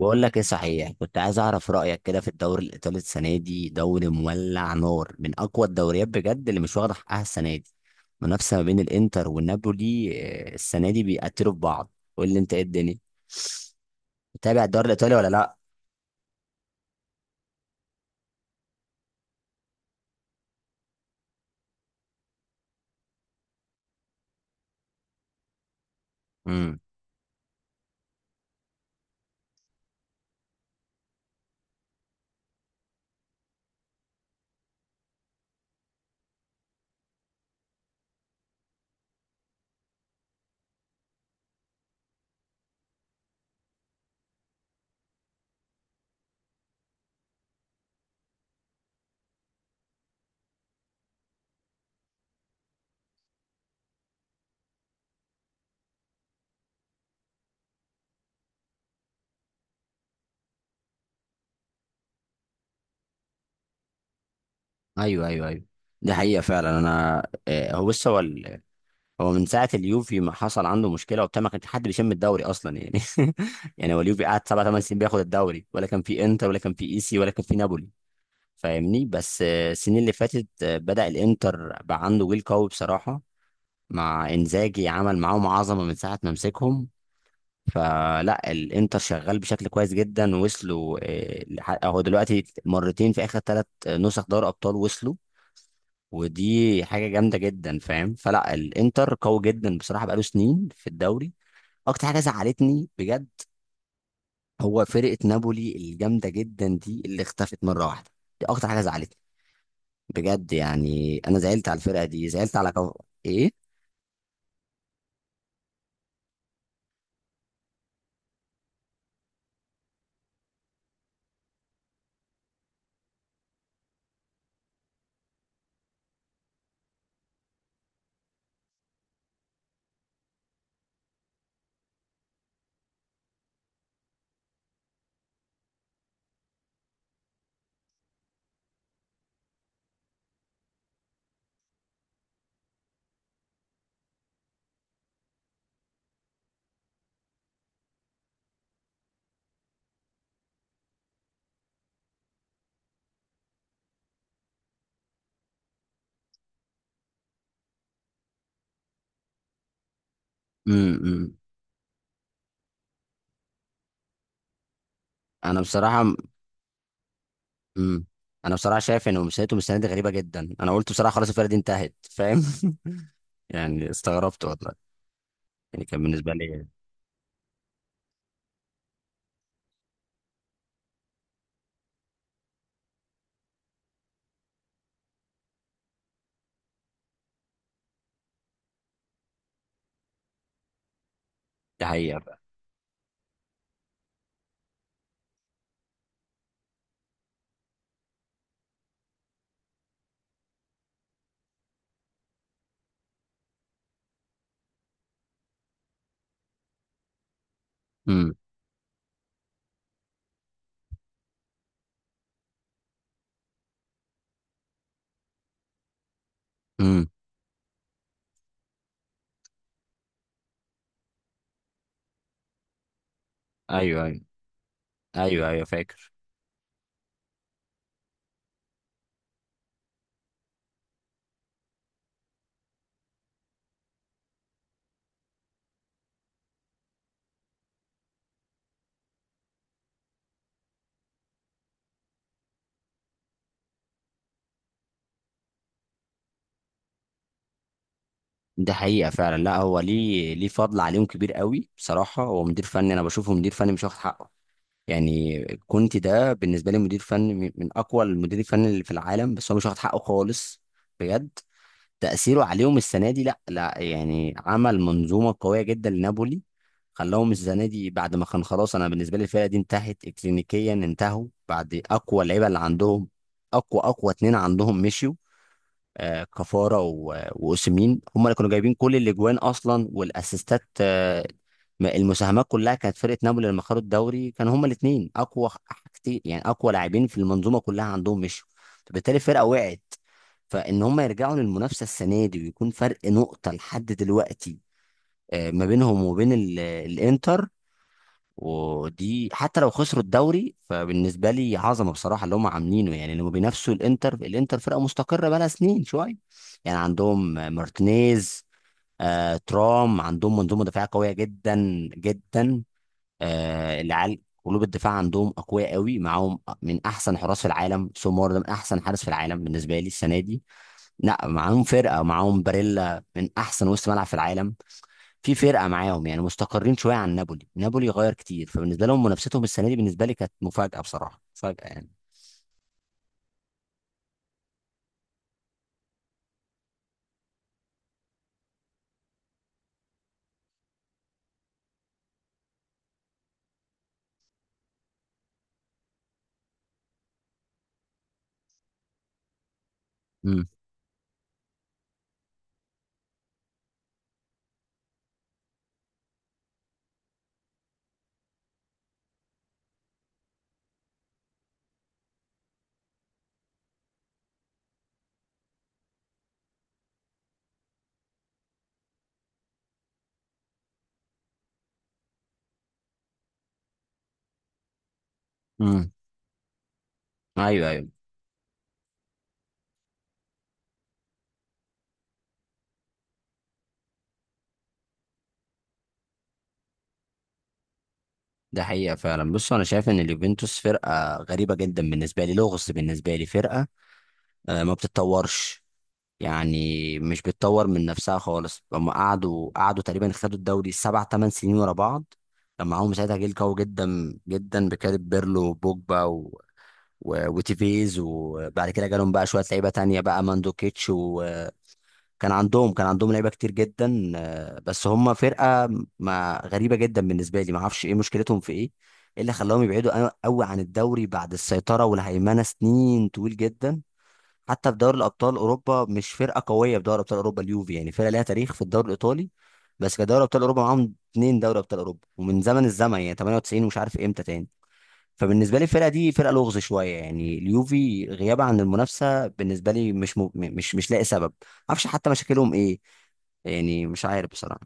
بقول لك ايه، صحيح كنت عايز اعرف رايك كده في الدوري الايطالي السنه دي. دوري مولع نار، من اقوى الدوريات بجد، اللي مش واخده حقها السنه دي. منافسه ما بين الانتر والنابولي. السنه دي بيقتلوا في بعض. قول لي انت ايه الدنيا، متابع الدوري الايطالي ولا لا؟ امم. ايوه، ايوه، ايوه. دي حقيقه فعلا. انا، هو بص، هو هو من ساعه اليوفي ما حصل عنده مشكله وبتاع، ما كانش حد بيشم الدوري اصلا يعني. يعني هو اليوفي قعد سبع ثمان سنين بياخد الدوري، ولا كان في انتر ولا كان في ايسي ولا كان في نابولي. فاهمني؟ بس السنين اللي فاتت، بدأ الانتر بقى عنده جيل قوي بصراحة. مع انزاجي عمل معاهم عظمة من ساعة ما مسكهم. فلا، الانتر شغال بشكل كويس جدا. وصلوا هو دلوقتي مرتين في اخر ثلاث نسخ دوري ابطال وصلوا. ودي حاجة جامدة جدا فاهم. فلا الانتر قوي جدا بصراحة، بقاله سنين في الدوري. اكتر حاجة زعلتني بجد، هو فرقة نابولي الجامدة جدا دي اللي اختفت مرة واحدة. دي اكتر حاجة زعلتني بجد يعني. انا زعلت على الفرقه دي، زعلت على ايه. امم. انا بصراحه. امم. انا بصراحه شايف ان مسيرتهم السنه دي غريبه جدا. انا قلت بصراحه خلاص الفرقه دي انتهت، فاهم؟ يعني استغربت والله. يعني كان بالنسبه لي دي حقيقه بقى. امم. امم. ايوه، ايوه. ايوه، ايوه، فاكر. دي حقيقه فعلا. لا هو ليه، ليه فضل عليهم كبير قوي بصراحه. هو مدير فني، انا بشوفه مدير فني مش واخد حقه. يعني كنت، ده بالنسبه لي مدير فني من اقوى المدير الفني اللي في العالم، بس هو مش واخد حقه خالص بجد. تأثيره عليهم السنة دي، لا لا يعني، عمل منظومة قوية جدا لنابولي. خلاهم السنة دي بعد ما كان خلاص. أنا بالنسبة لي الفرقة دي انتهت إكلينيكيا. انتهوا بعد أقوى لعيبة اللي عندهم. أقوى اتنين عندهم مشيوا. كفارة وأوسيمين هم اللي كانوا جايبين كل الأجوان أصلا والأسيستات. المساهمات كلها. كانت فرقة نابولي لما خدوا الدوري، كانوا هما الاتنين أقوى كتير يعني. أقوى لاعبين في المنظومة كلها عندهم مشوا، فبالتالي الفرقة وقعت. فإن هما يرجعوا للمنافسة السنة دي ويكون فرق نقطة لحد دلوقتي ما بينهم وبين الإنتر، ودي حتى لو خسروا الدوري فبالنسبه لي عظمه بصراحه اللي هم عاملينه. يعني لما بينافسوا الانتر، الانتر فرقه مستقره بقالها سنين شويه. يعني عندهم مارتينيز، ترام، عندهم منظومه دفاعيه قويه جدا جدا. العيال قلوب الدفاع عندهم اقوياء قوي، معاهم من احسن حراس في العالم. سومار ده من احسن حارس في العالم بالنسبه لي السنه دي. لا معاهم فرقه، معاهم باريلا من احسن وسط ملعب في العالم. في فرقه معاهم يعني مستقرين شويه عن نابولي. نابولي غير كتير، فبالنسبه لهم منافستهم السنه دي بالنسبه لي كانت مفاجاه بصراحه، مفاجاه يعني. امم. امم. ايوه، ايوه. ده حقيقه فعلا. بص انا شايف ان اليوفنتوس فرقه غريبه جدا بالنسبه لي، لغز بالنسبه لي. فرقه ما بتتطورش يعني، مش بتطور من نفسها خالص. هم قعدوا تقريبا خدوا الدوري سبع ثمان سنين ورا بعض. كان معاهم ساعتها جيل قوي جدا جدا بكاريب، بيرلو، وبوجبا، وتيفيز، وبعد كده جالهم بقى شويه لعيبه تانية بقى ماندوكيتش، وكان عندهم لعيبه كتير جدا بس هم فرقه ما، غريبه جدا بالنسبه لي. ما اعرفش ايه مشكلتهم، في ايه، إيه اللي خلاهم يبعدوا قوي عن الدوري بعد السيطره والهيمنه سنين طويل جدا؟ حتى في دوري الابطال اوروبا مش فرقه قويه. في دوري ابطال اوروبا اليوفي يعني فرقه ليها تاريخ في الدوري الايطالي، بس كدوري ابطال اوروبا معاهم اتنين دوري ابطال اوروبا ومن زمن الزمن يعني 98، ومش عارف امتى تاني. فبالنسبه لي الفرقه دي فرقه لغز شويه يعني. اليوفي غيابها عن المنافسه بالنسبه لي مش لاقي سبب. معرفش حتى مشاكلهم ايه يعني، مش عارف بصراحه.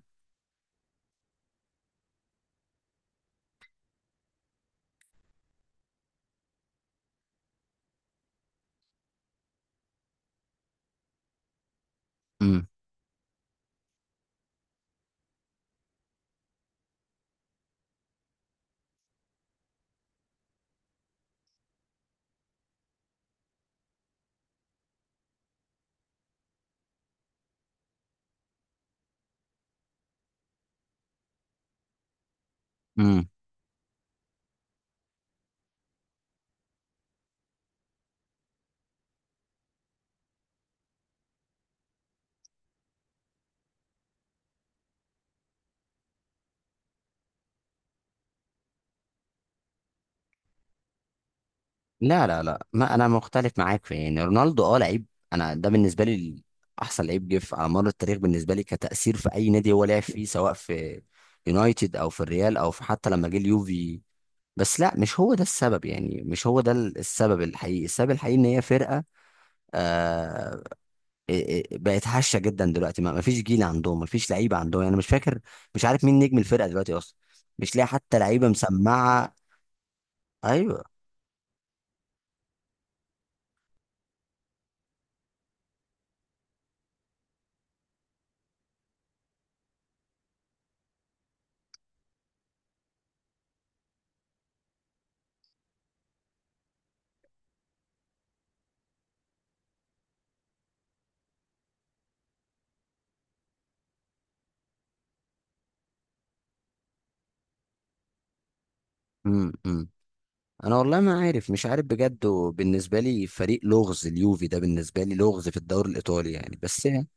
امم. امم. لا، لا، لا، ما انا مختلف معاك في يعني رونالدو، اه لعيب. انا ده بالنسبه لي احسن لعيب جه على مر التاريخ بالنسبه لي كتاثير في اي نادي هو لعب فيه، سواء في يونايتد او في الريال او في حتى لما جه اليوفي. بس لا، مش هو ده السبب يعني. مش هو ده السبب الحقيقي. السبب الحقيقي ان هي فرقه آه، إيه إيه بقت هشه جدا دلوقتي. ما فيش جيل عندهم، ما فيش لعيبه عندهم يعني. مش فاكر، مش عارف مين نجم الفرقه دلوقتي اصلا، مش لاقي حتى لعيبه مسمعه. ايوه. امم. أمم. انا والله ما عارف، مش عارف بجد. وبالنسبه لي فريق لغز اليوفي ده، بالنسبه لي لغز في الدوري الايطالي يعني، بس يعني.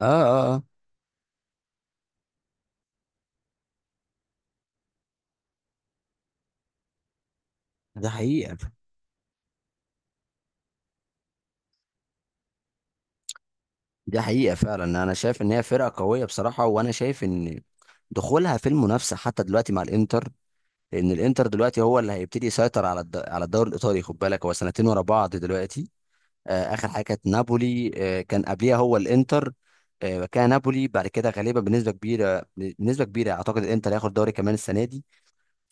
اه، اه، اه. ده حقيقه. دي حقيقه فعلا. انا شايف ان هي فرقه قويه بصراحه، وانا شايف ان دخولها في المنافسه حتى دلوقتي مع الانتر، لان الانتر دلوقتي هو اللي هيبتدي يسيطر على على الدوري الايطالي. خد بالك هو سنتين ورا بعض دلوقتي. اخر حاجه كانت نابولي، كان قبليها هو الانتر، كان نابولي بعد كده. غالبا بنسبه كبيره، بنسبه كبيره اعتقد الانتر هياخد دوري كمان السنه دي.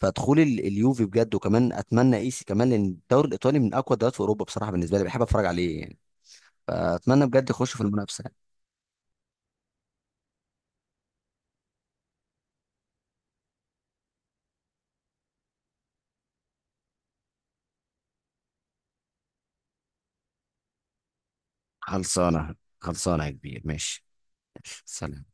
فدخول اليوفي بجد، وكمان اتمنى ايسي كمان، لان الدوري الايطالي من اقوى الدوريات في اوروبا بصراحه. بالنسبه لي بحب اتفرج عليه يعني، فاتمنى بجد يخش في المنافسه يعني. خلصانة. خلصانة يا كبير، ماشي. سلام.